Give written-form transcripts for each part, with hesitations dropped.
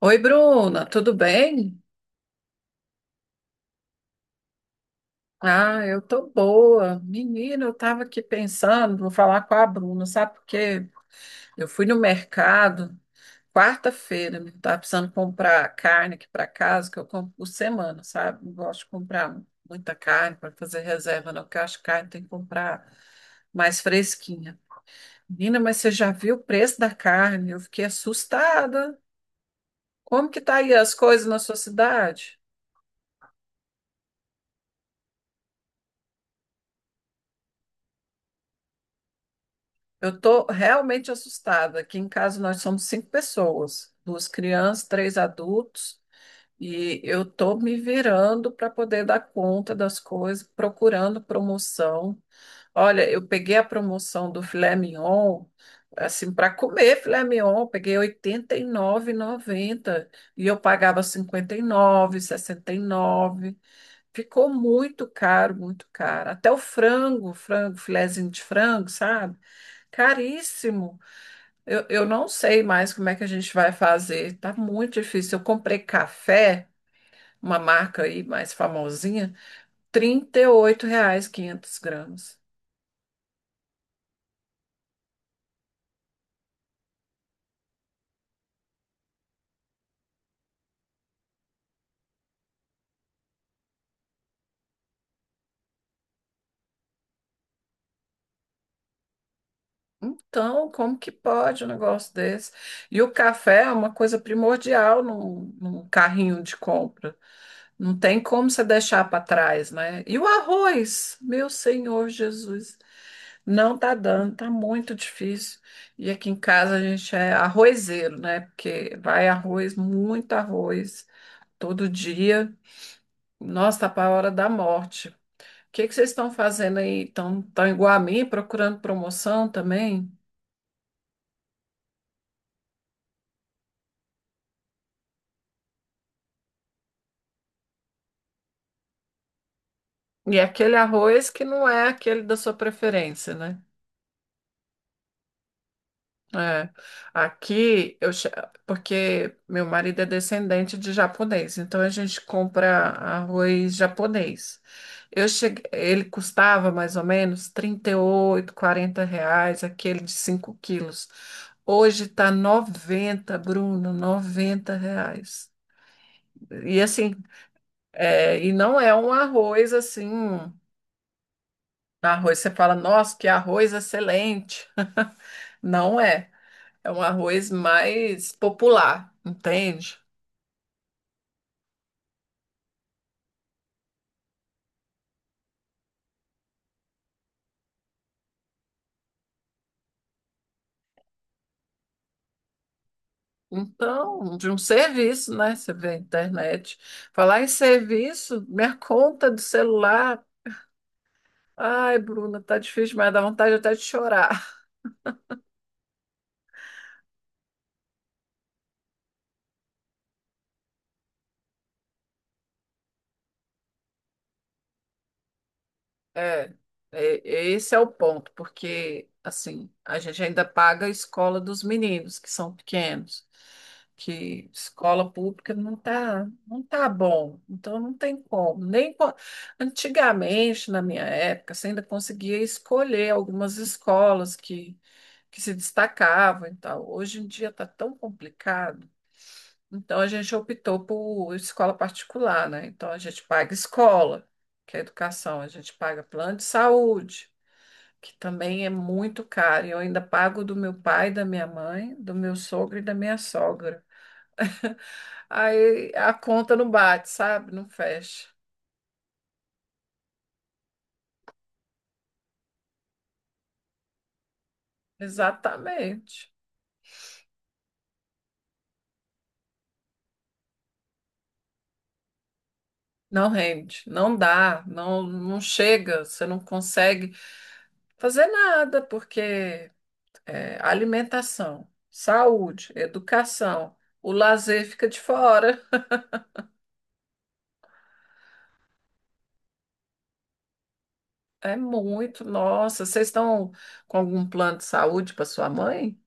Oi, Bruna, tudo bem? Ah, eu tô boa. Menina, eu tava aqui pensando, vou falar com a Bruna, sabe por quê? Eu fui no mercado quarta-feira, né? Tava precisando comprar carne aqui para casa, que eu compro por semana, sabe? Não gosto de comprar muita carne para fazer reserva, não, porque eu acho que carne tem que comprar mais fresquinha. Menina, mas você já viu o preço da carne? Eu fiquei assustada. Como que tá aí as coisas na sua cidade? Eu tô realmente assustada. Aqui em casa nós somos cinco pessoas, duas crianças, três adultos, e eu tô me virando para poder dar conta das coisas, procurando promoção. Olha, eu peguei a promoção do filé mignon, assim, para comer filé mignon, eu peguei R$ 89,90 e noventa e eu pagava R$ 59,69. Ficou muito caro, muito caro. Até o frango, frango, filezinho de frango, sabe? Caríssimo. Eu não sei mais como é que a gente vai fazer. Tá muito difícil. Eu comprei café, uma marca aí mais famosinha, R$ 38 500 gramas. Então, como que pode um negócio desse? E o café é uma coisa primordial num carrinho de compra. Não tem como você deixar para trás, né? E o arroz, meu Senhor Jesus, não tá dando, tá muito difícil. E aqui em casa a gente é arrozeiro, né? Porque vai arroz, muito arroz, todo dia. Nossa, tá para a hora da morte. O que que vocês estão fazendo aí? Estão tão igual a mim, procurando promoção também? E aquele arroz que não é aquele da sua preferência, né? É, aqui eu che- porque meu marido é descendente de japonês, então a gente compra arroz japonês. Eu cheguei, ele custava mais ou menos 38 40 reais, aquele de 5 quilos. Hoje tá noventa, Bruno, R$ 90. E assim, e não é um arroz assim, arroz, você fala, nossa, que arroz excelente. Não é. É um arroz mais popular, entende? Então, de um serviço, né? Você vê a internet. Falar em serviço, minha conta do celular. Ai, Bruna, tá difícil, mas dá vontade até de chorar. É, esse é o ponto, porque assim, a gente ainda paga a escola dos meninos que são pequenos, que escola pública não tá bom, então não tem como. Nem co- Antigamente, na minha época, você ainda conseguia escolher algumas escolas que se destacavam e tal. Hoje em dia está tão complicado, então a gente optou por escola particular, né? Então a gente paga escola, que é educação, a gente paga plano de saúde, que também é muito caro. E eu ainda pago do meu pai, da minha mãe, do meu sogro e da minha sogra. Aí a conta não bate, sabe? Não fecha. Exatamente. Não rende, não dá, não, não chega, você não consegue fazer nada, porque é, alimentação, saúde, educação, o lazer fica de fora. É muito, nossa, vocês estão com algum plano de saúde para sua mãe?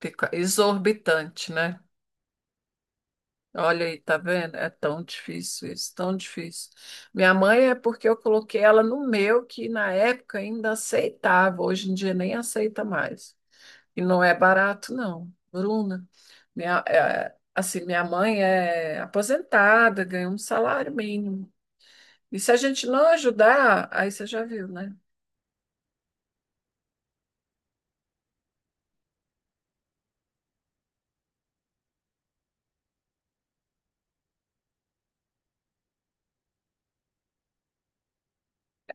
Fica exorbitante, né? Olha aí, tá vendo? É tão difícil isso, tão difícil. Minha mãe é porque eu coloquei ela no meu, que na época ainda aceitava, hoje em dia nem aceita mais. E não é barato, não, Bruna. Minha mãe é aposentada, ganha um salário mínimo. E se a gente não ajudar, aí você já viu, né?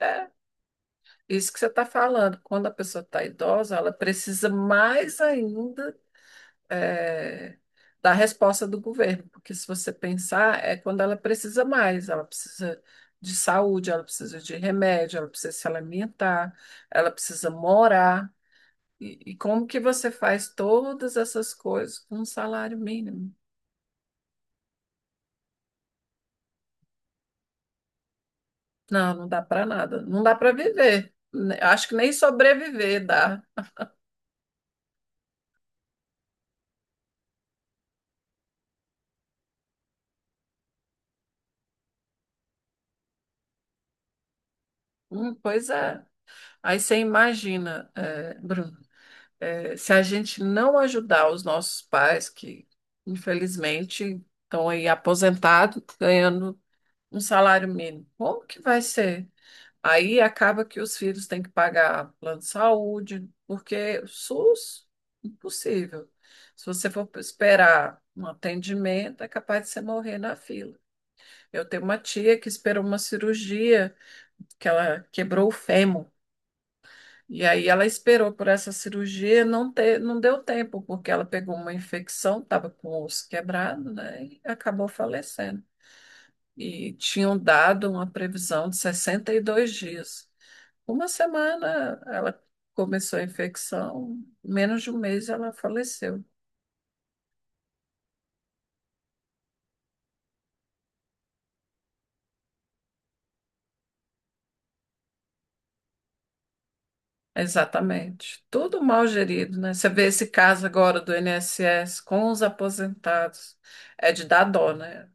É isso que você está falando. Quando a pessoa está idosa, ela precisa mais ainda, é, da resposta do governo. Porque se você pensar, é quando ela precisa mais. Ela precisa de saúde, ela precisa de remédio, ela precisa se alimentar, ela precisa morar. E como que você faz todas essas coisas com um salário mínimo? Não, não dá para nada. Não dá para viver. Acho que nem sobreviver dá. Pois é. Aí você imagina, é, Bruno, é, se a gente não ajudar os nossos pais, que infelizmente estão aí aposentados, ganhando um salário mínimo, como que vai ser? Aí acaba que os filhos têm que pagar plano de saúde, porque o SUS, impossível. Se você for esperar um atendimento, é capaz de você morrer na fila. Eu tenho uma tia que esperou uma cirurgia, que ela quebrou o fêmur. E aí ela esperou por essa cirurgia, não, não deu tempo, porque ela pegou uma infecção, estava com o osso quebrado, né? E acabou falecendo. E tinham dado uma previsão de 62 dias. Uma semana ela começou a infecção, menos de um mês ela faleceu. Exatamente. Tudo mal gerido, né? Você vê esse caso agora do INSS com os aposentados. É de dar dó, né?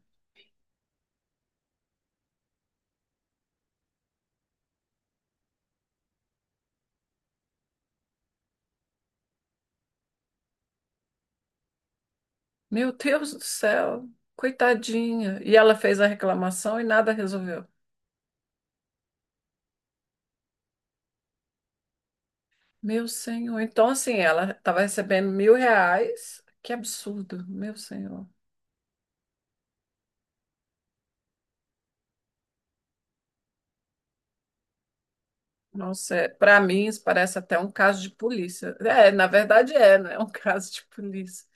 Meu Deus do céu, coitadinha. E ela fez a reclamação e nada resolveu. Meu senhor. Então, assim, ela estava recebendo R$ 1.000. Que absurdo, meu senhor. Nossa, é, para mim isso parece até um caso de polícia. É, na verdade é, né? É um caso de polícia.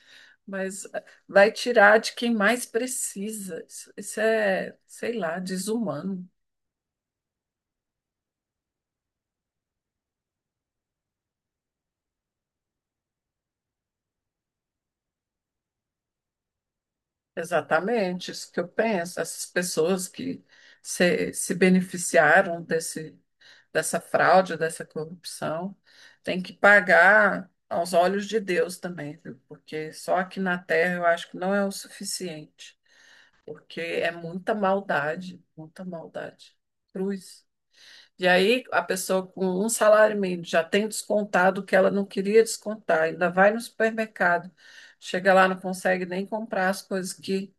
Mas é, vai tirar de quem mais precisa. Isso é, sei lá, desumano. Exatamente, isso que eu penso. Essas pessoas que se beneficiaram desse, dessa fraude, dessa corrupção, têm que pagar aos olhos de Deus também, viu? Porque só aqui na Terra eu acho que não é o suficiente. Porque é muita maldade, muita maldade. Cruz. E aí a pessoa com um salário mínimo já tem descontado o que ela não queria descontar, ainda vai no supermercado, chega lá, não consegue nem comprar as coisas que,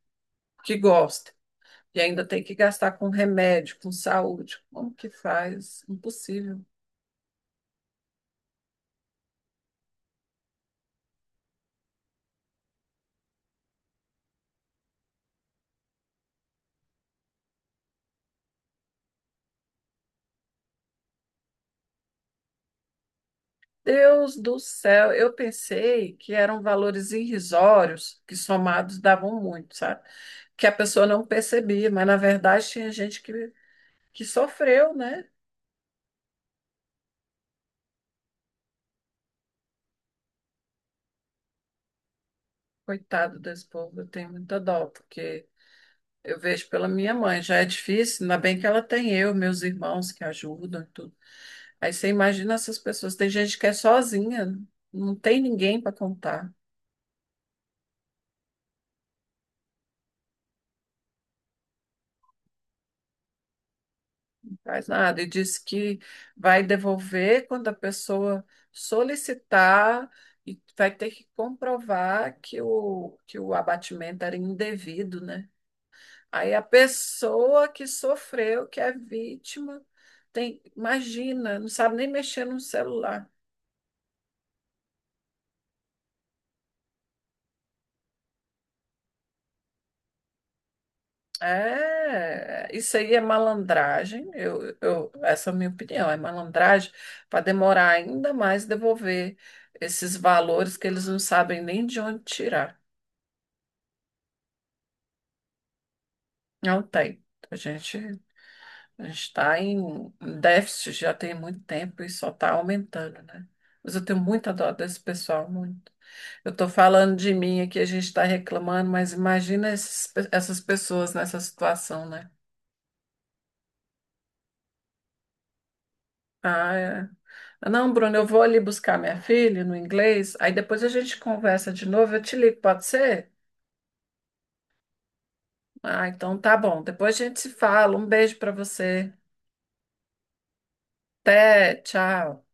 que gosta. E ainda tem que gastar com remédio, com saúde. Como que faz? Impossível. Deus do céu, eu pensei que eram valores irrisórios, que somados davam muito, sabe? Que a pessoa não percebia, mas na verdade tinha gente que sofreu, né? Coitado desse povo, eu tenho muita dó, porque eu vejo pela minha mãe, já é difícil, ainda bem que ela tem eu, meus irmãos que ajudam e tudo. Aí você imagina essas pessoas, tem gente que é sozinha, não tem ninguém para contar, não faz nada, e diz que vai devolver quando a pessoa solicitar e vai ter que comprovar que o abatimento era indevido, né? Aí a pessoa que sofreu, que é vítima, tem, imagina, não sabe nem mexer no celular. É, isso aí é malandragem. Essa é a minha opinião, é malandragem para demorar ainda mais devolver esses valores que eles não sabem nem de onde tirar. Não tem. A gente a está em déficit já tem muito tempo e só está aumentando, né? Mas eu tenho muita dó desse pessoal, muito. Eu estou falando de mim aqui, a gente está reclamando, mas imagina essas pessoas nessa situação, né? Ah, é. Ah, não, Bruno, eu vou ali buscar minha filha no inglês, aí depois a gente conversa de novo, eu te ligo, pode ser? Ah, então tá bom. Depois a gente se fala. Um beijo para você. Até, tchau.